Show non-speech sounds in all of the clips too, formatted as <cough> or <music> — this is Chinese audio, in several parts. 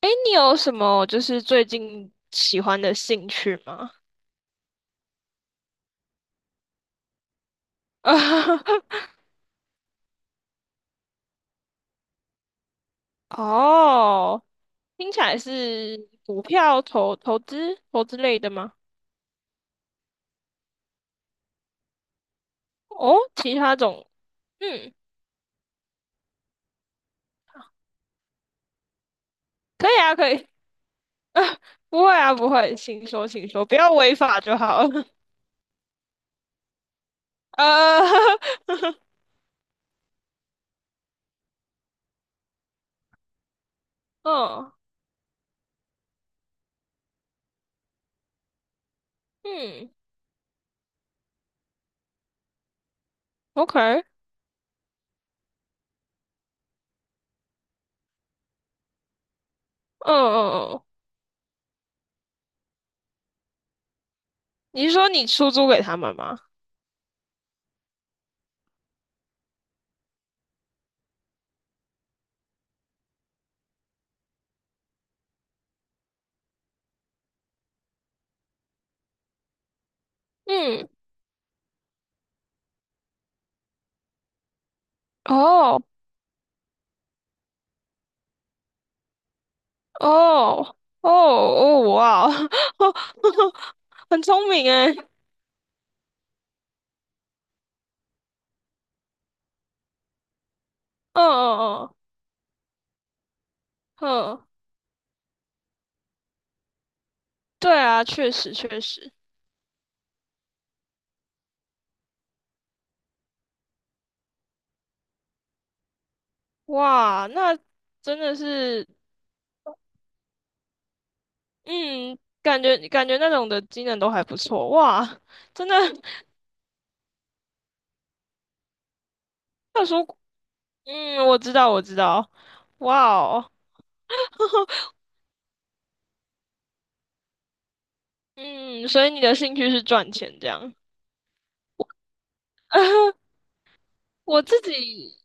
哎，你有什么就是最近喜欢的兴趣吗？<laughs> 哦，听起来是股票投资类的吗？哦，其他种，嗯，可以啊，可以，<laughs> 不会啊，不会，请说，请说，不要违法就好了。<laughs> 呃，<laughs> 嗯嗯，OK，嗯嗯嗯，你是说你出租给他们吗？嗯，哦。哦哦哦，哇哦，<laughs> 很聪明诶。嗯嗯嗯嗯，嗯对啊，确实确实，哇，那真的是，嗯，感觉那种的技能都还不错，哇，真的特殊，嗯，我知道我知道，哇哦，嗯，所以你的兴趣是赚钱这样，我自己，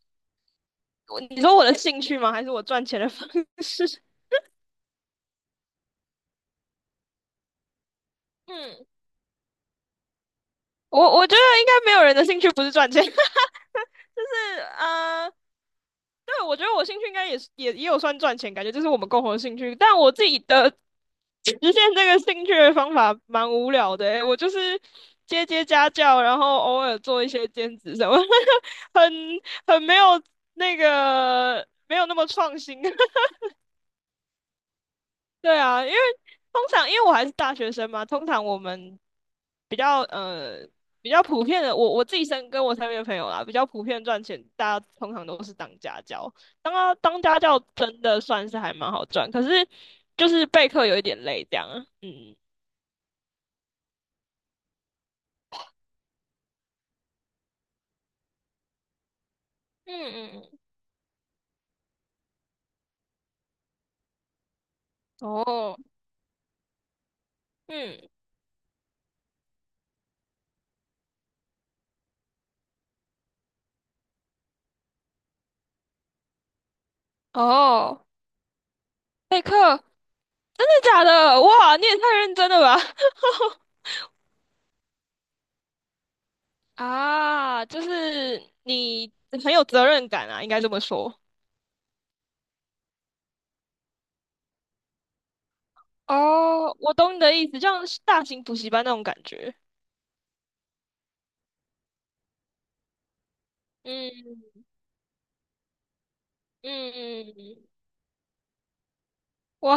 你说我的兴趣吗？还是我赚钱的方式？<laughs> 嗯，我觉得应该没有人的兴趣不是赚钱。是啊，对，我觉得我兴趣应该也是也有算赚钱，感觉这是我们共同的兴趣。但我自己的实现这个兴趣的方法蛮无聊的欸我就是接家教，然后偶尔做一些兼职什么，<laughs> 很很没有那个没有那么创新。<laughs> 对啊，通常因为我还是大学生嘛，通常我们比较呃比较普遍的，我自己跟我身边的朋友啦，比较普遍赚钱，大家通常都是当家教。当家教真的算是还蛮好赚，可是就是备课有一点累这样啊。嗯，嗯嗯嗯，哦，嗯哦，备课真的假的？哇，你也太认真了吧！<laughs> 啊，就是你很有责任感啊，应该这么说。哦，我懂你的意思，就像是大型补习班那种感觉。嗯嗯嗯，哇，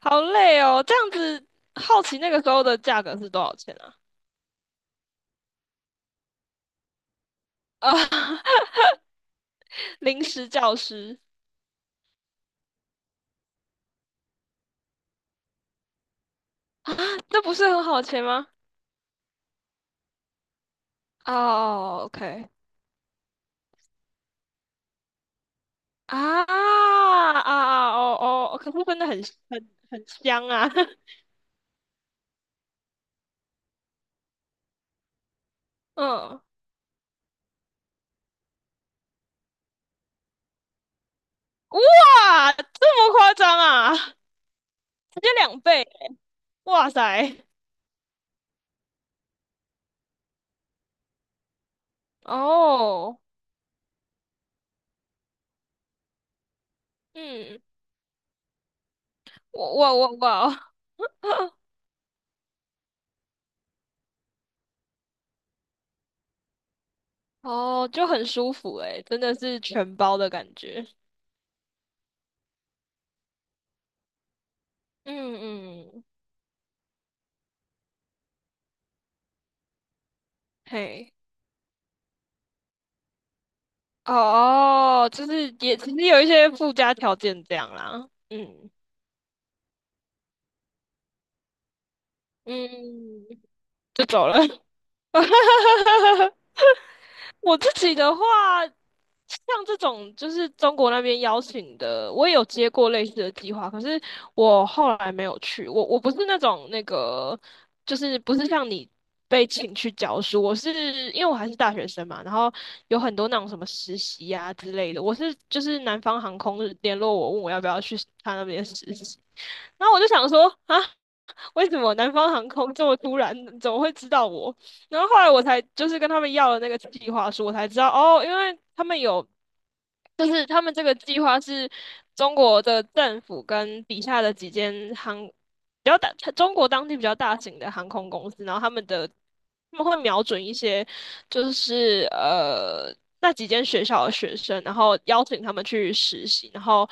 好累哦！这样子，好奇那个时候的价格是多少钱啊？啊，<laughs> 临时教师啊，这不是很好的钱吗？哦，OK，啊啊啊，哦哦，可是真的很香啊！<laughs> 嗯，哇，这么夸张啊？直接两倍，哇塞！哦，嗯，哇哇哇我。<laughs> 哦，就很舒服诶，真的是全包的感觉。嗯嗯，嘿，哦，就是也其实有一些附加条件这样啦。嗯嗯，就走了。<laughs> 我自己的话，像这种就是中国那边邀请的，我也有接过类似的计划，可是我后来没有去。我不是那种那个，就是不是像你被请去教书，因为我还是大学生嘛，然后有很多那种什么实习呀、之类的。就是南方航空联络我，问我要不要去他那边实习，然后我就想说啊，<laughs> 为什么南方航空这么突然，怎么会知道我？然后后来我才就是跟他们要了那个计划书，我才知道哦，因为他们有，就是他们这个计划是中国的政府跟底下的几间比较大，中国当地比较大型的航空公司，然后他们会瞄准一些就是那几间学校的学生，然后邀请他们去实习，然后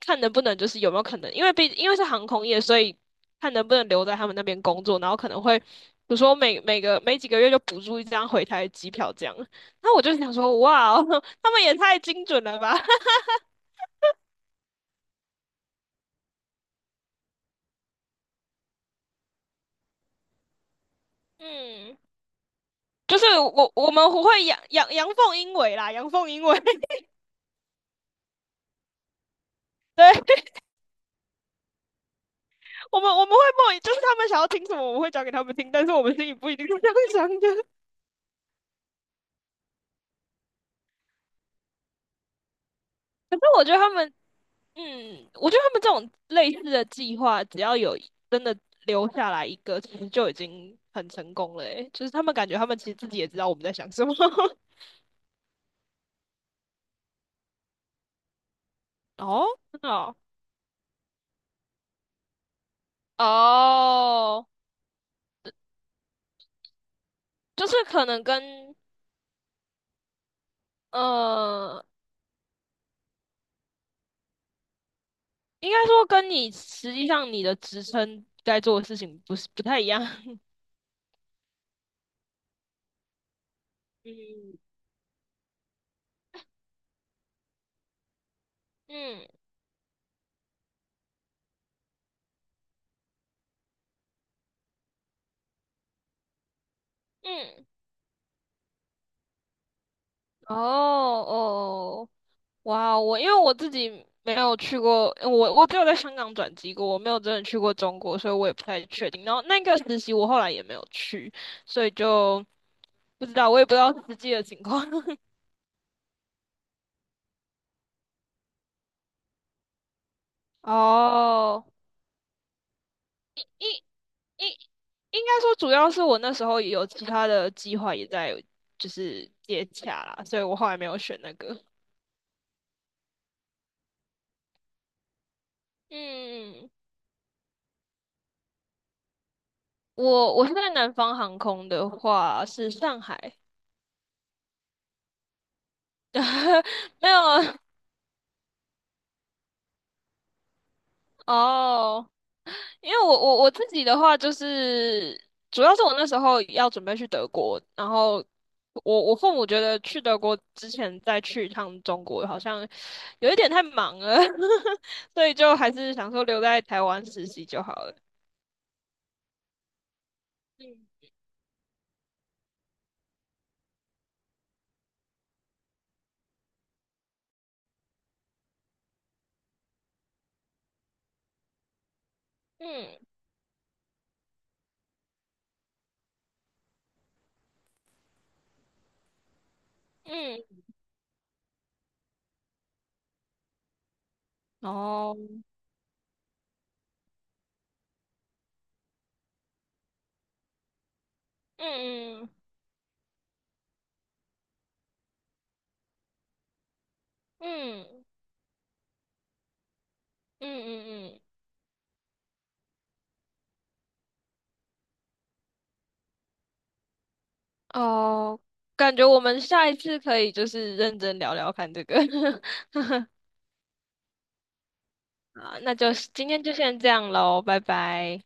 看能不能就是有没有可能，因为是航空业，所以。看能不能留在他们那边工作，然后可能会，比如说每几个月就补助一张回台的机票这样。那我就想说，哇哦 <laughs> 他们也太精准了吧！<laughs> 嗯，就是我们会阳阳阳奉阴违啦，阳奉阴违。<laughs> 对，<laughs> 我们我们会默，就是他们想要听什么，我们会讲给他们听，但是我们心里不一定是这样想的。<laughs> 可是我觉得他们这种类似的计划，只要有真的留下来一个，其实就已经很成功了诶就是他们感觉他们其实自己也知道我们在想什么。<laughs> 哦，真的哦，哦，就是可能跟呃，应该说跟你实际上你的职称该做的事情不是不太一样。<laughs> 嗯嗯嗯，哦哦哇哦，因为我自己没有去过，我只有在香港转机过，我没有真的去过中国，所以我也不太确定。然后那个实习我后来也没有去，所以就不知道，我也不知道实际的情况。<laughs> 哦，应应应该说，主要是我那时候也有其他的计划也在就是接洽啦，所以我后来没有选那个。嗯，我是在南方航空的话是上海，<laughs> 没有哦。因为我自己的话，就是主要是我那时候要准备去德国，然后我父母觉得去德国之前再去一趟中国好像有一点太忙了，<laughs> 所以就还是想说留在台湾实习就好了。嗯嗯嗯，哦，嗯嗯嗯嗯嗯嗯，哦，感觉我们下一次可以就是认真聊聊看这个 <laughs> 啊，那就今天就先这样喽，拜拜。